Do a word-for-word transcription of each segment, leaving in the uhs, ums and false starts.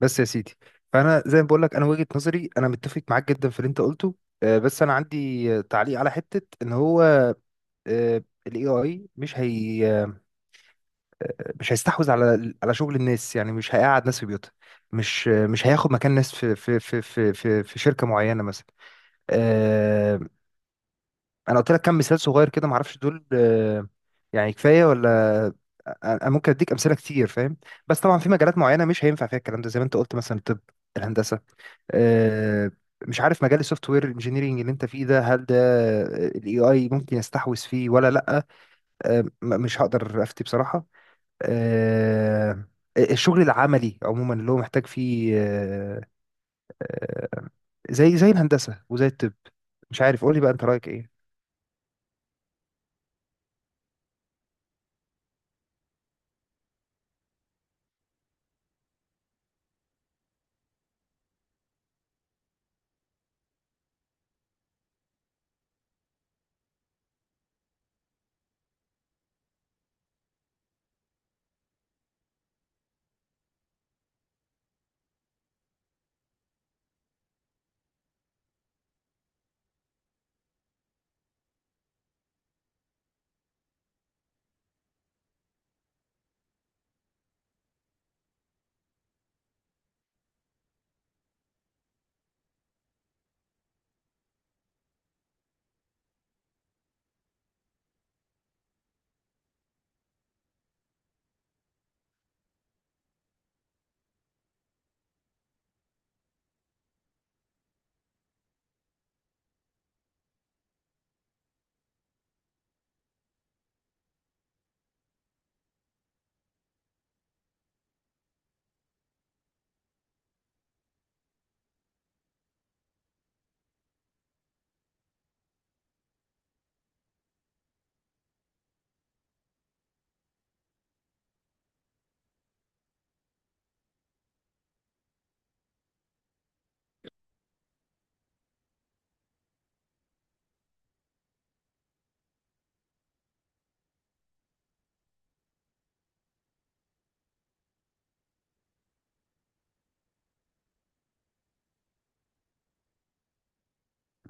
بس يا سيدي، فانا زي ما بقول لك انا وجهة نظري، انا متفق معاك جدا في اللي انت قلته. آه، بس انا عندي آه، تعليق على حتة ان هو الاي اي مش هي آه، مش هيستحوذ على على شغل الناس، يعني مش هيقعد ناس في بيوتها. مش آه، مش هياخد مكان ناس في في في في في, في شركة معينة مثلا. آه، انا قلت لك كم مثال صغير كده، معرفش دول. آه، يعني كفايه ولا؟ انا ممكن اديك امثله كتير، فاهم؟ بس طبعا في مجالات معينه مش هينفع فيها الكلام ده، زي ما انت قلت، مثلا الطب، الهندسه. آه، مش عارف مجال السوفت وير انجينيرنج اللي انت فيه ده، هل ده الاي اي ممكن يستحوذ فيه ولا لا؟ آه، م- مش هقدر افتي بصراحه. آه، آه، الشغل العملي عموما اللي هو محتاج فيه آه، آه، زي زي الهندسه وزي الطب. مش عارف، قولي بقى انت رايك ايه؟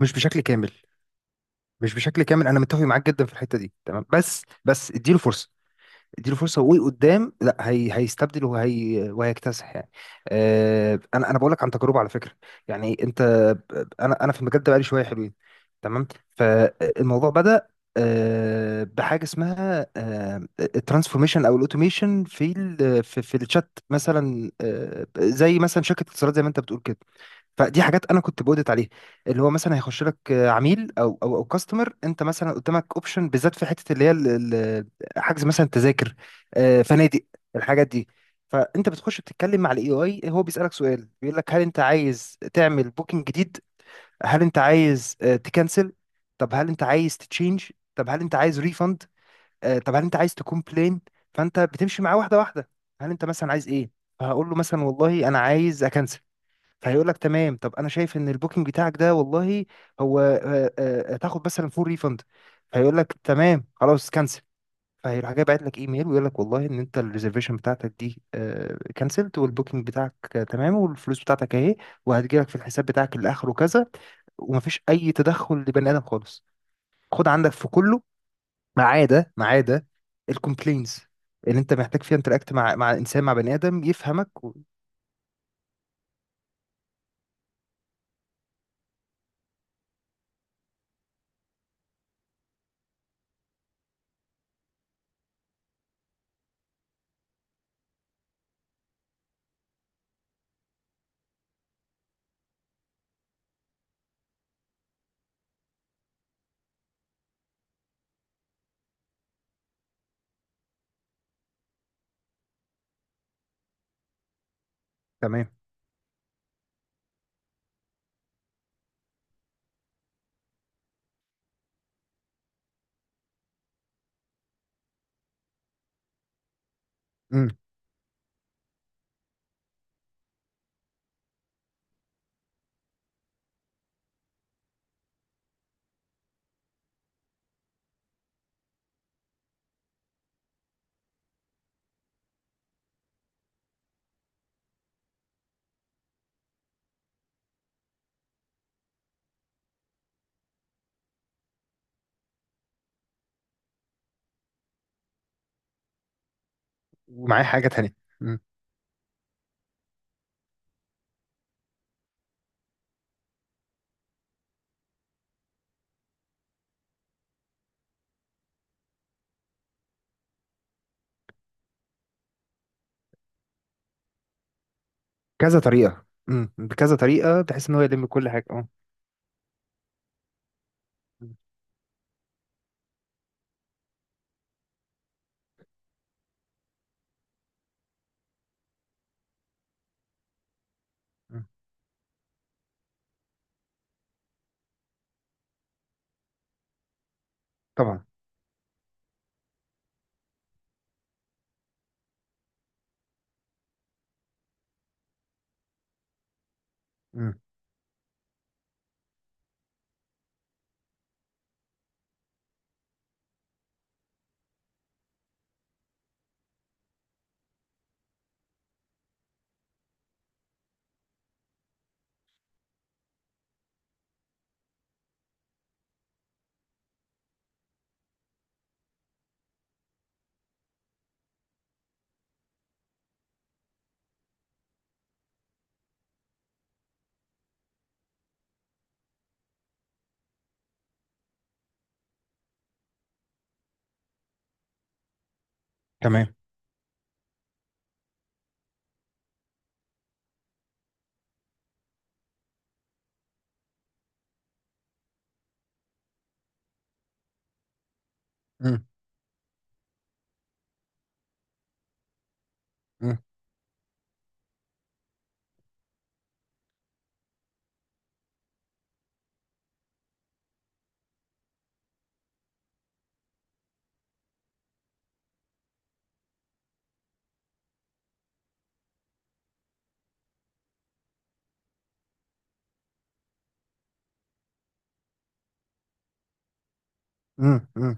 مش بشكل كامل. مش بشكل كامل، انا متفق معاك جدا في الحته دي، تمام. بس بس اديله فرصه، اديله فرصه، وقدام لا هي هيستبدل وهي وهيكتسح يعني. آه انا انا بقول لك عن تجربه، على فكره. يعني انت انا انا في المجال ده بقالي شويه حلوين، تمام. فالموضوع بدأ آه بحاجه اسمها آه الترانسفورميشن او الاوتوميشن في ال في, في الشات مثلا، آه زي مثلا شركه اتصالات زي ما انت بتقول كده. فدي حاجات انا كنت بودت عليها، اللي هو مثلا هيخش لك آه، عميل او او او كاستمر، انت مثلا قدامك اوبشن، بالذات في حته اللي هي ال- ال- حجز مثلا تذاكر، آه، فنادق، الحاجات دي. فانت بتخش بتتكلم مع الاي اي، هو بيسالك سؤال، بيقول لك هل انت عايز تعمل بوكينج جديد؟ هل انت عايز آه، تكنسل؟ طب هل انت عايز تتشينج؟ طب هل انت عايز ريفند؟ طب هل انت عايز تكومبلين؟ فانت بتمشي معاه واحده واحده، هل انت مثلا عايز ايه؟ فهقول له مثلا والله انا عايز اكنسل. فهيقول لك تمام، طب انا شايف ان البوكينج بتاعك ده والله هو آه، آه، آه، تاخد مثلا فول ريفند. فيقول لك تمام خلاص، كنسل. فهيروح جاي باعت لك ايميل، ويقول لك والله ان انت الريزرفيشن بتاعتك دي كنسلت، والبوكينج بتاعك آه، تمام، والفلوس بتاعتك اهي وهتجي لك في الحساب بتاعك اللي اخره كذا. ومفيش اي تدخل لبني ادم خالص، خد عندك في كله، ما عدا ما عدا الكومبلينز اللي انت محتاج فيها انتراكت مع مع انسان، مع بني ادم يفهمك و... تمام. مم. ومعاه حاجه تانية. امم. كذا طريقة امم بكذا طريقة بحيث ان هو يلم كل حاجة، اه. مم. مم. طبعا. امم. تمام. امم، امم، امم، امم.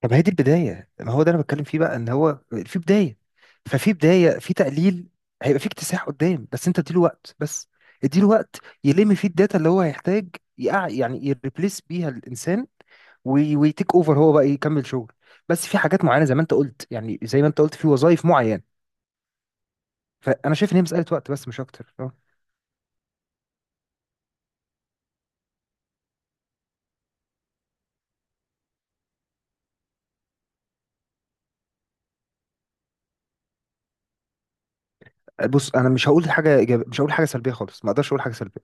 طب هي دي البداية، ما هو ده انا بتكلم فيه بقى، ان هو في بداية. ففي بداية في تقليل. هيبقى في اكتساح قدام، بس انت اديله وقت، بس اديله وقت يلم فيه الداتا اللي هو هيحتاج، يقع يعني يريبليس بيها الانسان وي- ويتيك اوفر هو بقى يكمل شغل. بس في حاجات معينة زي ما انت قلت، يعني زي ما انت قلت، في وظائف معينة. فانا شايف ان هي مسألة وقت بس مش اكتر. آه. بص، انا مش هقول حاجه إيجابية، مش هقول حاجه سلبيه خالص، ما اقدرش اقول حاجه سلبيه.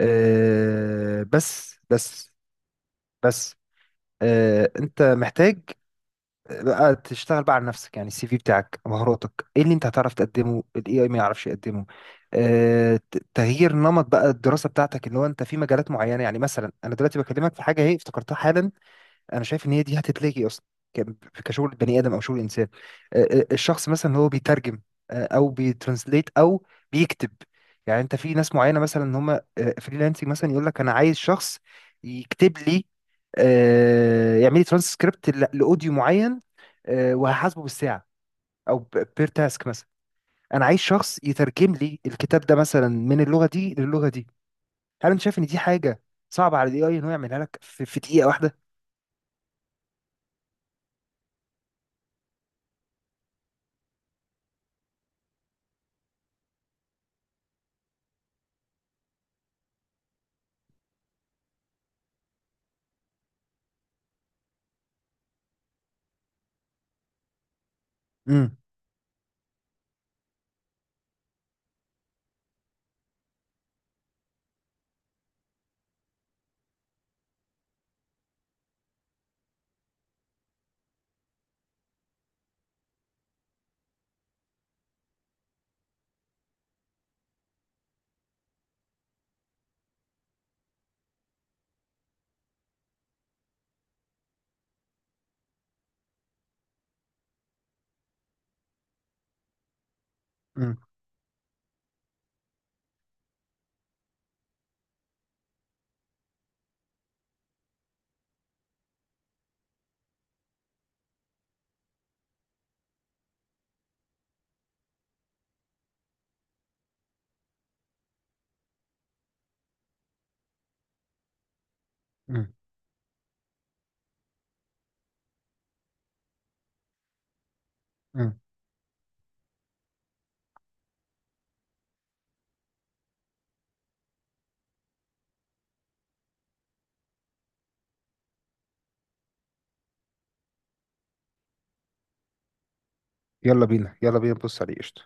أه بس بس بس أه انت محتاج بقى تشتغل بقى على نفسك، يعني السي في بتاعك، مهاراتك ايه اللي انت هتعرف تقدمه الاي اي ما يعرفش يقدمه. أه ت- تغيير نمط بقى الدراسه بتاعتك اللي هو انت في مجالات معينه، يعني مثلا انا دلوقتي بكلمك في حاجه اهي افتكرتها حالا. انا شايف ان هي دي هتتلغي اصلا ك- كشغل بني ادم او شغل انسان. آه، آه، الشخص مثلا هو بيترجم، آه، او بيترانسليت او بيكتب. يعني انت في ناس معينه مثلا ان هم فريلانسنج، مثلا يقول لك انا عايز شخص يكتب لي، آه، يعمل لي ترانسكريبت لاوديو معين، آه، وهحاسبه بالساعه، او بير تاسك مثلا. انا عايز شخص يترجم لي الكتاب ده مثلا من اللغه دي للغه دي. هل انت شايف ان دي حاجه صعبه على الاي اي ان هو يعملها لك في في دقيقه واحده؟ امم. إمم، إمم. مم. يلا بينا، يلا بينا نبص عليه، قشطة.